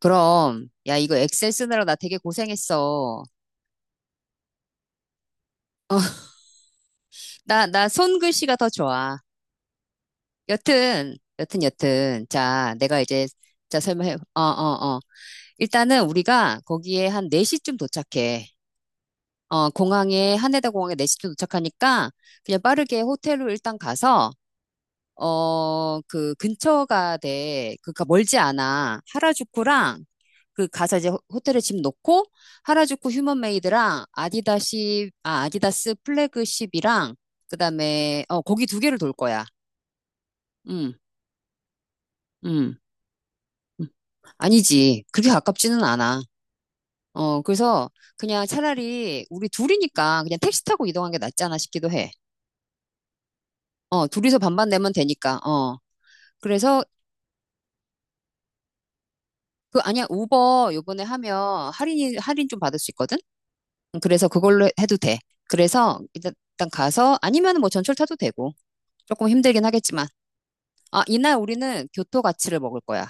그럼, 야, 이거 엑셀 쓰느라 나 되게 고생했어. 나 손글씨가 더 좋아. 여튼. 자, 내가 이제, 자, 설명해. 어. 일단은 우리가 거기에 한 4시쯤 도착해. 하네다 공항에 4시쯤 도착하니까 그냥 빠르게 호텔로 일단 가서 그 근처가 돼. 그니까 멀지 않아. 하라주쿠랑 그 가서 이제 호텔에 집 놓고 하라주쿠 휴먼메이드랑 아디다시 아 아디다스 플래그십이랑 그다음에 거기 두 개를 돌 거야. 음. 음. 음. 아니지. 그렇게 가깝지는 않아. 그래서 그냥 차라리 우리 둘이니까 그냥 택시 타고 이동한 게 낫지 않아 싶기도 해. 둘이서 반반 내면 되니까. 어. 그래서 아니야. 우버 요번에 하면 할인 좀 받을 수 있거든. 그래서 그걸로 해도 돼. 그래서 일단 가서 아니면 뭐 전철 타도 되고 조금 힘들긴 하겠지만 이날 우리는 교토 가치를 먹을 거야.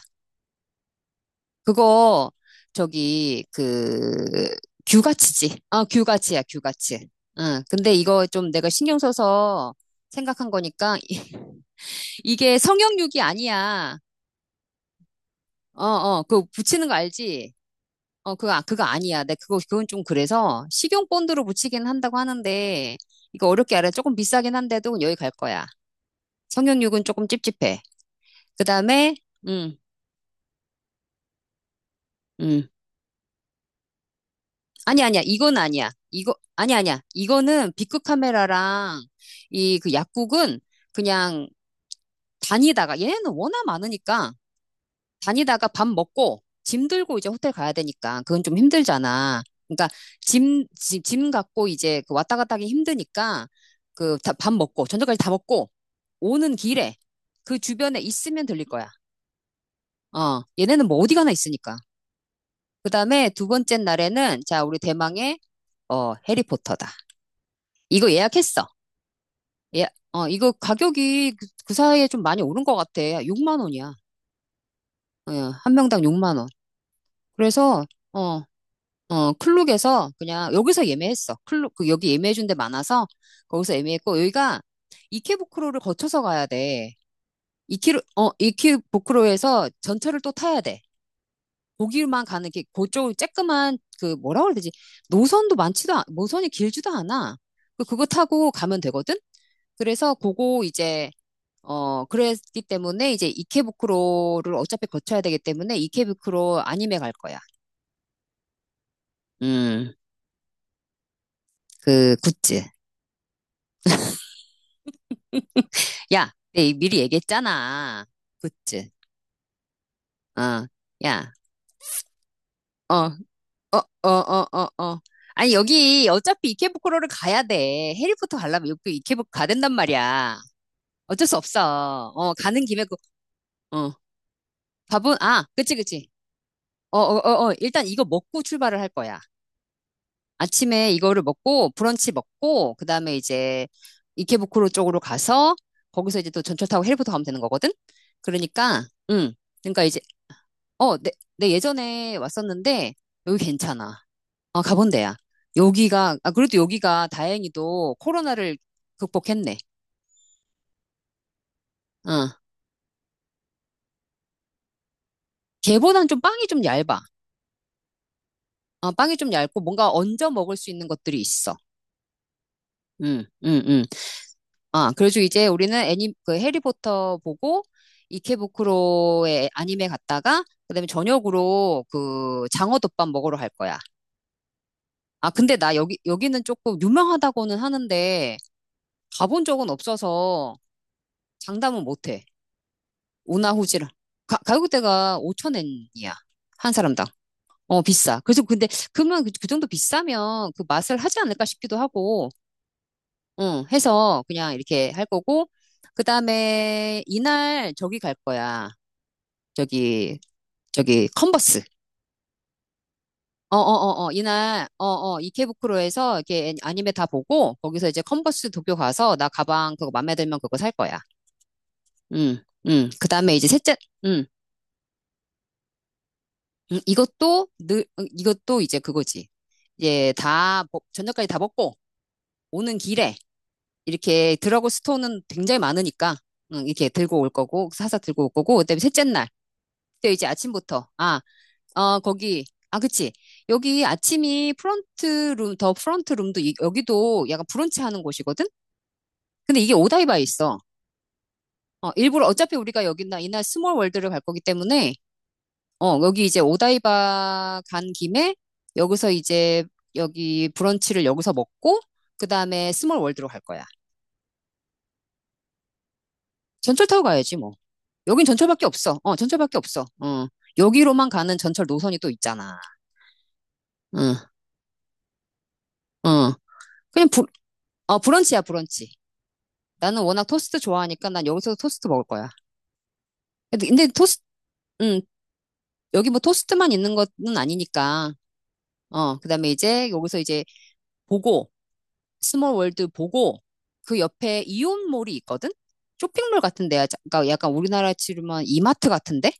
그거 저기 그 규가치지. 규가치야 규가치. 응. 근데 이거 좀 내가 신경 써서 생각한 거니까 이게 성형육이 아니야. 그거 붙이는 거 알지? 그거 아니야. 내 그거 그건 좀 그래서 식용 본드로 붙이긴 한다고 하는데 이거 어렵게 알아. 조금 비싸긴 한데도 여기 갈 거야. 성형육은 조금 찝찝해. 그 다음에, 음, 음. 아니, 아니야. 이건 아니야. 이거, 아니, 아니야. 이거는 비크 카메라랑 이 그 약국은 그냥 다니다가, 얘네는 워낙 많으니까 다니다가 밥 먹고 짐 들고 이제 호텔 가야 되니까 그건 좀 힘들잖아. 그러니까 짐 갖고 이제 그 왔다 갔다 하기 힘드니까 그 밥 먹고, 저녁까지 다 먹고 오는 길에 그 주변에 있으면 들릴 거야. 어, 얘네는 뭐 어디 가나 있으니까. 그 다음에 두 번째 날에는, 자, 우리 대망의, 해리포터다. 이거 예약했어. 예, 이거 가격이 그 사이에 좀 많이 오른 것 같아. 6만 원이야. 어, 한 명당 6만 원. 그래서, 어, 클룩에서 그냥, 여기서 예매했어. 클룩, 그 여기 예매해준 데 많아서, 거기서 예매했고, 여기가 이케부쿠로를 거쳐서 가야 돼. 이케부쿠로에서 전철을 또 타야 돼. 거기만 가는 게 그쪽 쬐끄만 그 뭐라 그래야 되지? 노선이 길지도 않아. 그거 타고 가면 되거든. 그래서 그거 이제 그랬기 때문에 이제 이케부쿠로를 어차피 거쳐야 되기 때문에 이케부쿠로 아니메 갈 거야. 음, 그 굿즈. 야, 내 미리 얘기했잖아. 굿즈. 어, 야, 어, 어, 어, 어, 어, 어. 아니, 여기 어차피 이케부쿠로를 가야 돼. 해리포터 가려면 여기 이케부쿠 가야 된단 말이야. 어쩔 수 없어. 가는 김에 그, 어, 밥은, 아, 그치, 그치. 일단 이거 먹고 출발을 할 거야. 아침에 이거를 먹고, 브런치 먹고, 그 다음에 이제 이케부쿠로 쪽으로 가서, 거기서 이제 또 전철 타고 헬리포터 가면 되는 거거든? 그러니까, 응. 그러니까 이제, 어, 내, 내 예전에 왔었는데, 여기 괜찮아. 가본 데야. 여기가, 아, 그래도 여기가 다행히도 코로나를 극복했네. 어. 걔보단 좀 빵이 좀 얇아. 빵이 좀 얇고 뭔가 얹어 먹을 수 있는 것들이 있어. 음, 음, 음. 아, 그래가지고 이제 우리는 그 해리포터 보고 이케부쿠로의 아님에 갔다가 그다음에 저녁으로 그 장어덮밥 먹으러 갈 거야. 아, 근데 나 여기는 조금 유명하다고는 하는데 가본 적은 없어서 장담은 못 해. 우나후지라 가격대가 5천엔이야. 한 사람당. 비싸. 그래서 근데 그러면 그 정도 비싸면 그 맛을 하지 않을까 싶기도 하고 응, 해서 그냥 이렇게 할 거고, 그 다음에 이날 저기 갈 거야. 저기, 컨버스. 이날, 이케부쿠로에서 이렇게 아니메 다 보고, 거기서 이제 컨버스 도쿄 가서 나 가방 그거 맘에 들면 그거 살 거야. 응, 응. 그 다음에 이제 셋째, 응, 응, 이것도 늘, 응, 이것도 이제 그거지. 이제 다, 저녁까지 다 먹고, 오는 길에 이렇게 드라고 스토은는 굉장히 많으니까, 응, 이렇게 들고 올 거고, 사서 들고 올 거고, 그다음에 셋째 날. 그때 이제 아침부터. 아, 거기. 아, 그치. 여기 아침이 더 프런트 룸도 여기도 약간 브런치 하는 곳이거든? 근데 이게 오다이바에 있어. 일부러 어차피 우리가 여기나 이날 스몰 월드를 갈 거기 때문에 여기 이제 오다이바 간 김에 여기서 이제 여기 브런치를 여기서 먹고 그다음에 스몰 월드로 갈 거야. 전철 타고 가야지 뭐. 여긴 전철밖에 없어. 전철밖에 없어. 어. 여기로만 가는 전철 노선이 또 있잖아. 응, 응. 그냥 브런치야, 브런치. 나는 워낙 토스트 좋아하니까 난 여기서도 토스트 먹을 거야. 근데 토스트, 음, 여기 뭐 토스트만 있는 것은 아니니까. 그 다음에 이제 여기서 이제 보고, 스몰 월드 보고, 그 옆에 이온몰이 있거든? 쇼핑몰 같은 데야. 그러니까 약간 우리나라 치르면 이마트 같은데?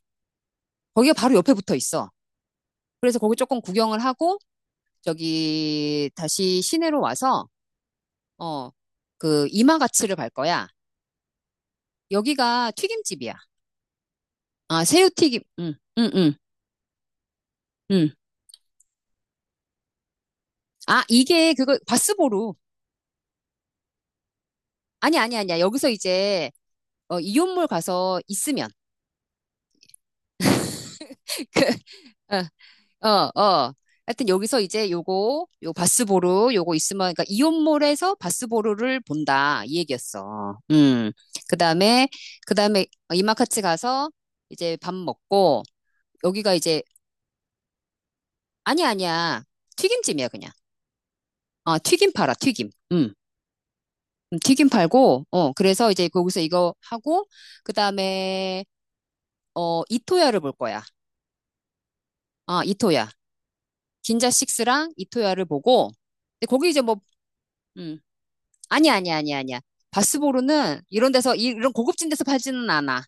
거기가 바로 옆에 붙어 있어. 그래서 거기 조금 구경을 하고, 저기 다시 시내로 와서, 어, 그 이마가츠를 갈 거야. 여기가 튀김집이야. 아, 새우튀김. 응, 응, 응. 응. 아, 이게 그거 바스보루. 아니, 아니, 아니야. 여기서 이제 이온몰 가서 있으면 그, 어, 어, 어. 하여튼 여기서 이제 요거 요 바스보루 요거 있으면 그러니까 이온몰에서 바스보루를 본다 이 얘기였어. 음. 그다음에 그다음에 이마카츠 가서 이제 밥 먹고 여기가 이제 아니 야 아니야. 튀김집이야 그냥. 튀김 팔아. 튀김. 음. 튀김 팔고 그래서 이제 거기서 이거 하고 그다음에 이토야를 볼 거야. 이토야. 긴자 식스랑 이토야를 보고, 근데 거기 이제 뭐, 음, 아니야, 아니야, 아니야, 아니야. 바스보르는 이런 데서, 이런 고급진 데서 팔지는 않아.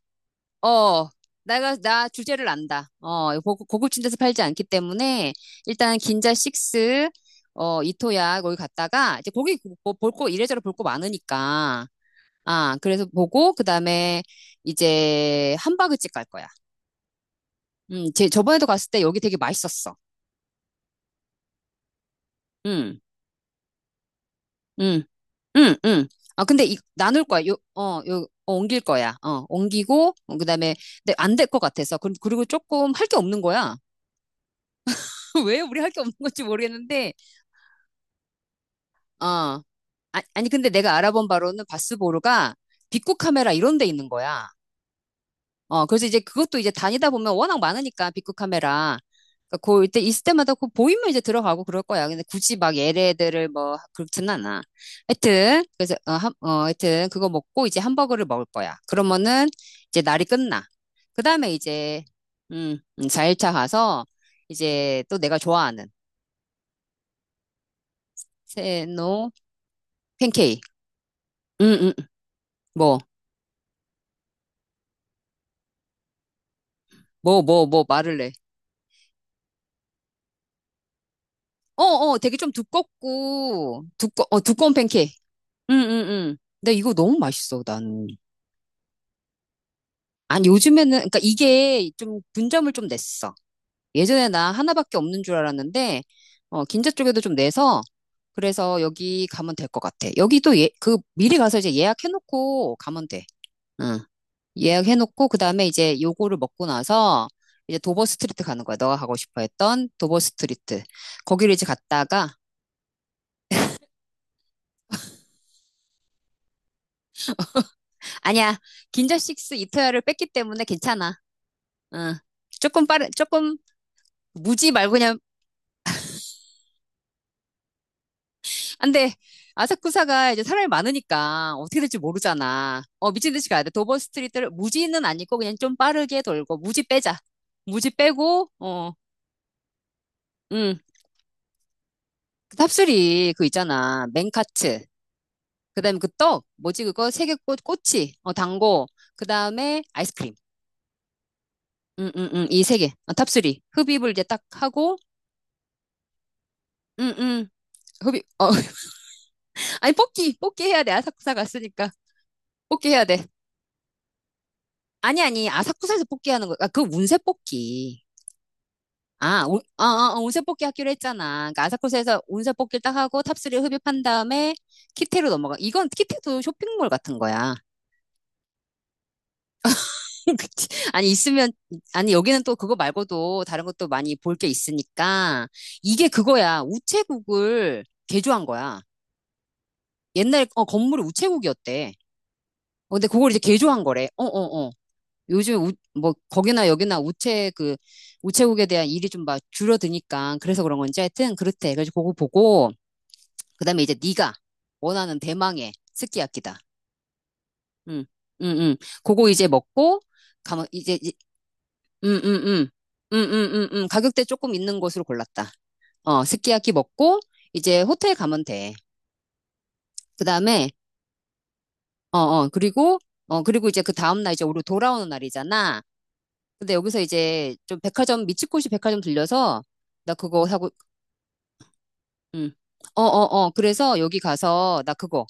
어, 나 주제를 안다. 고급진 데서 팔지 않기 때문에, 일단 긴자 식스, 이토야, 거기 갔다가, 이제 거기 뭐 볼거 이래저래 볼 거 많으니까. 아, 그래서 보고, 그 다음에 이제 함바그집 갈 거야. 저번에도 갔을 때 여기 되게 맛있었어. 음. 응, 응, 응. 아, 근데 이, 나눌 거야. 옮길 거야. 옮기고, 그다음에, 근데 안 될 것 같아서. 그리고 조금 할 게 없는 거야. 왜 우리 할 게 없는 건지 모르겠는데, 어. 아, 아니, 근데 내가 알아본 바로는 바스보르가 빅코 카메라 이런 데 있는 거야. 그래서 이제 그것도 이제 다니다 보면 워낙 많으니까, 빅급 카메라. 그러니까 이때, 있을 때마다 그 보이면 이제 들어가고 그럴 거야. 근데 굳이 막 얘네들을 뭐, 그렇진 않아. 하여튼, 그래서, 하여튼, 그거 먹고 이제 햄버거를 먹을 거야. 그러면은, 이제 날이 끝나. 그 다음에 이제, 4일차 가서, 이제 또 내가 좋아하는, 세노 팬케이크. 음. 뭐, 뭐, 말을 해. 되게 좀 두껍고, 두꺼운 팬케이크. 응응응. 근데 이거 너무 맛있어, 나는. 아니, 요즘에는, 그러니까 이게 좀 분점을 좀 냈어. 예전에 나 하나밖에 없는 줄 알았는데, 긴자 쪽에도 좀 내서, 그래서 여기 가면 될 것 같아. 여기도 예, 미리 가서 이제 예약해놓고 가면 돼. 응. 예약해놓고, 그 다음에 이제 요거를 먹고 나서, 이제 도버 스트리트 가는 거야. 너가 가고 싶어 했던 도버 스트리트. 거기를 이제 갔다가, 아니야. 긴자 식스 이토야를 뺐기 때문에 괜찮아. 응. 조금 빠른, 조금 무지 말고 그냥 안 돼. 아사쿠사가 이제 사람이 많으니까 어떻게 될지 모르잖아. 미친 듯이 가야 돼. 도버 스트리트를 무지는 아니고 그냥 좀 빠르게 돌고 무지 빼자. 무지 빼고 응. 그 탑수리 그 있잖아. 맨카츠. 그다음에 그 떡, 뭐지 그거 세 개 꼬치, 당고. 그다음에 아이스크림. 응, 응, 응. 이 세 개. 탑수리. 흡입을 이제 딱 하고 응, 응. 흡입. 아니 뽑기. 뽑기 해야 돼. 아사쿠사 갔으니까. 뽑기 해야 돼. 아니, 아니, 아사쿠사에서 뽑기 하는 거, 아, 그 운세 뽑기. 아, 운, 어, 어, 어, 운세 뽑기 하기로 했잖아. 그러니까 아사쿠사에서 운세 뽑기를 딱 하고 탑3 흡입한 다음에 키테로 넘어가. 이건 키테도 쇼핑몰 같은 거야. 그치? 아니, 있으면, 아니, 여기는 또 그거 말고도 다른 것도 많이 볼 게 있으니까. 이게 그거야. 우체국을 개조한 거야. 옛날, 건물이 우체국이었대. 근데 그걸 이제 개조한 거래. 어, 어, 어. 요즘 뭐 거기나 여기나 우체국에 대한 일이 좀 막 줄어드니까 그래서 그런 건지 하여튼 그렇대. 그래서 그거 보고 그다음에 이제 네가 원하는 대망의 스키야키다. 응, 응, 응. 그거 이제 먹고 가면 이제 이- 응, 응, 응, 응, 응, 응, 응. 가격대 조금 있는 곳으로 골랐다. 스키야키 먹고 이제 호텔 가면 돼. 그다음에 어, 어, 그리고 그리고 이제 그 다음 날 이제 우리 돌아오는 날이잖아. 근데 여기서 이제 좀 백화점 미츠코시 백화점 들려서 나 그거 사고 음. 어, 어, 어. 그래서 여기 가서 나 그거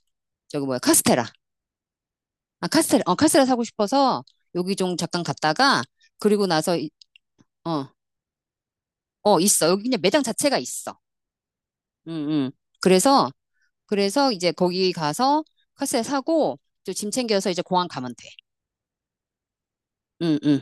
저기 뭐야? 카스테라. 아, 카스테라. 카스테라 사고 싶어서 여기 좀 잠깐 갔다가 그리고 나서 어. 있어. 여기 그냥 매장 자체가 있어. 응응 그래서 이제 거기 가서 카스테라 사고 또 짐 챙겨서 이제 공항 가면 돼. 응응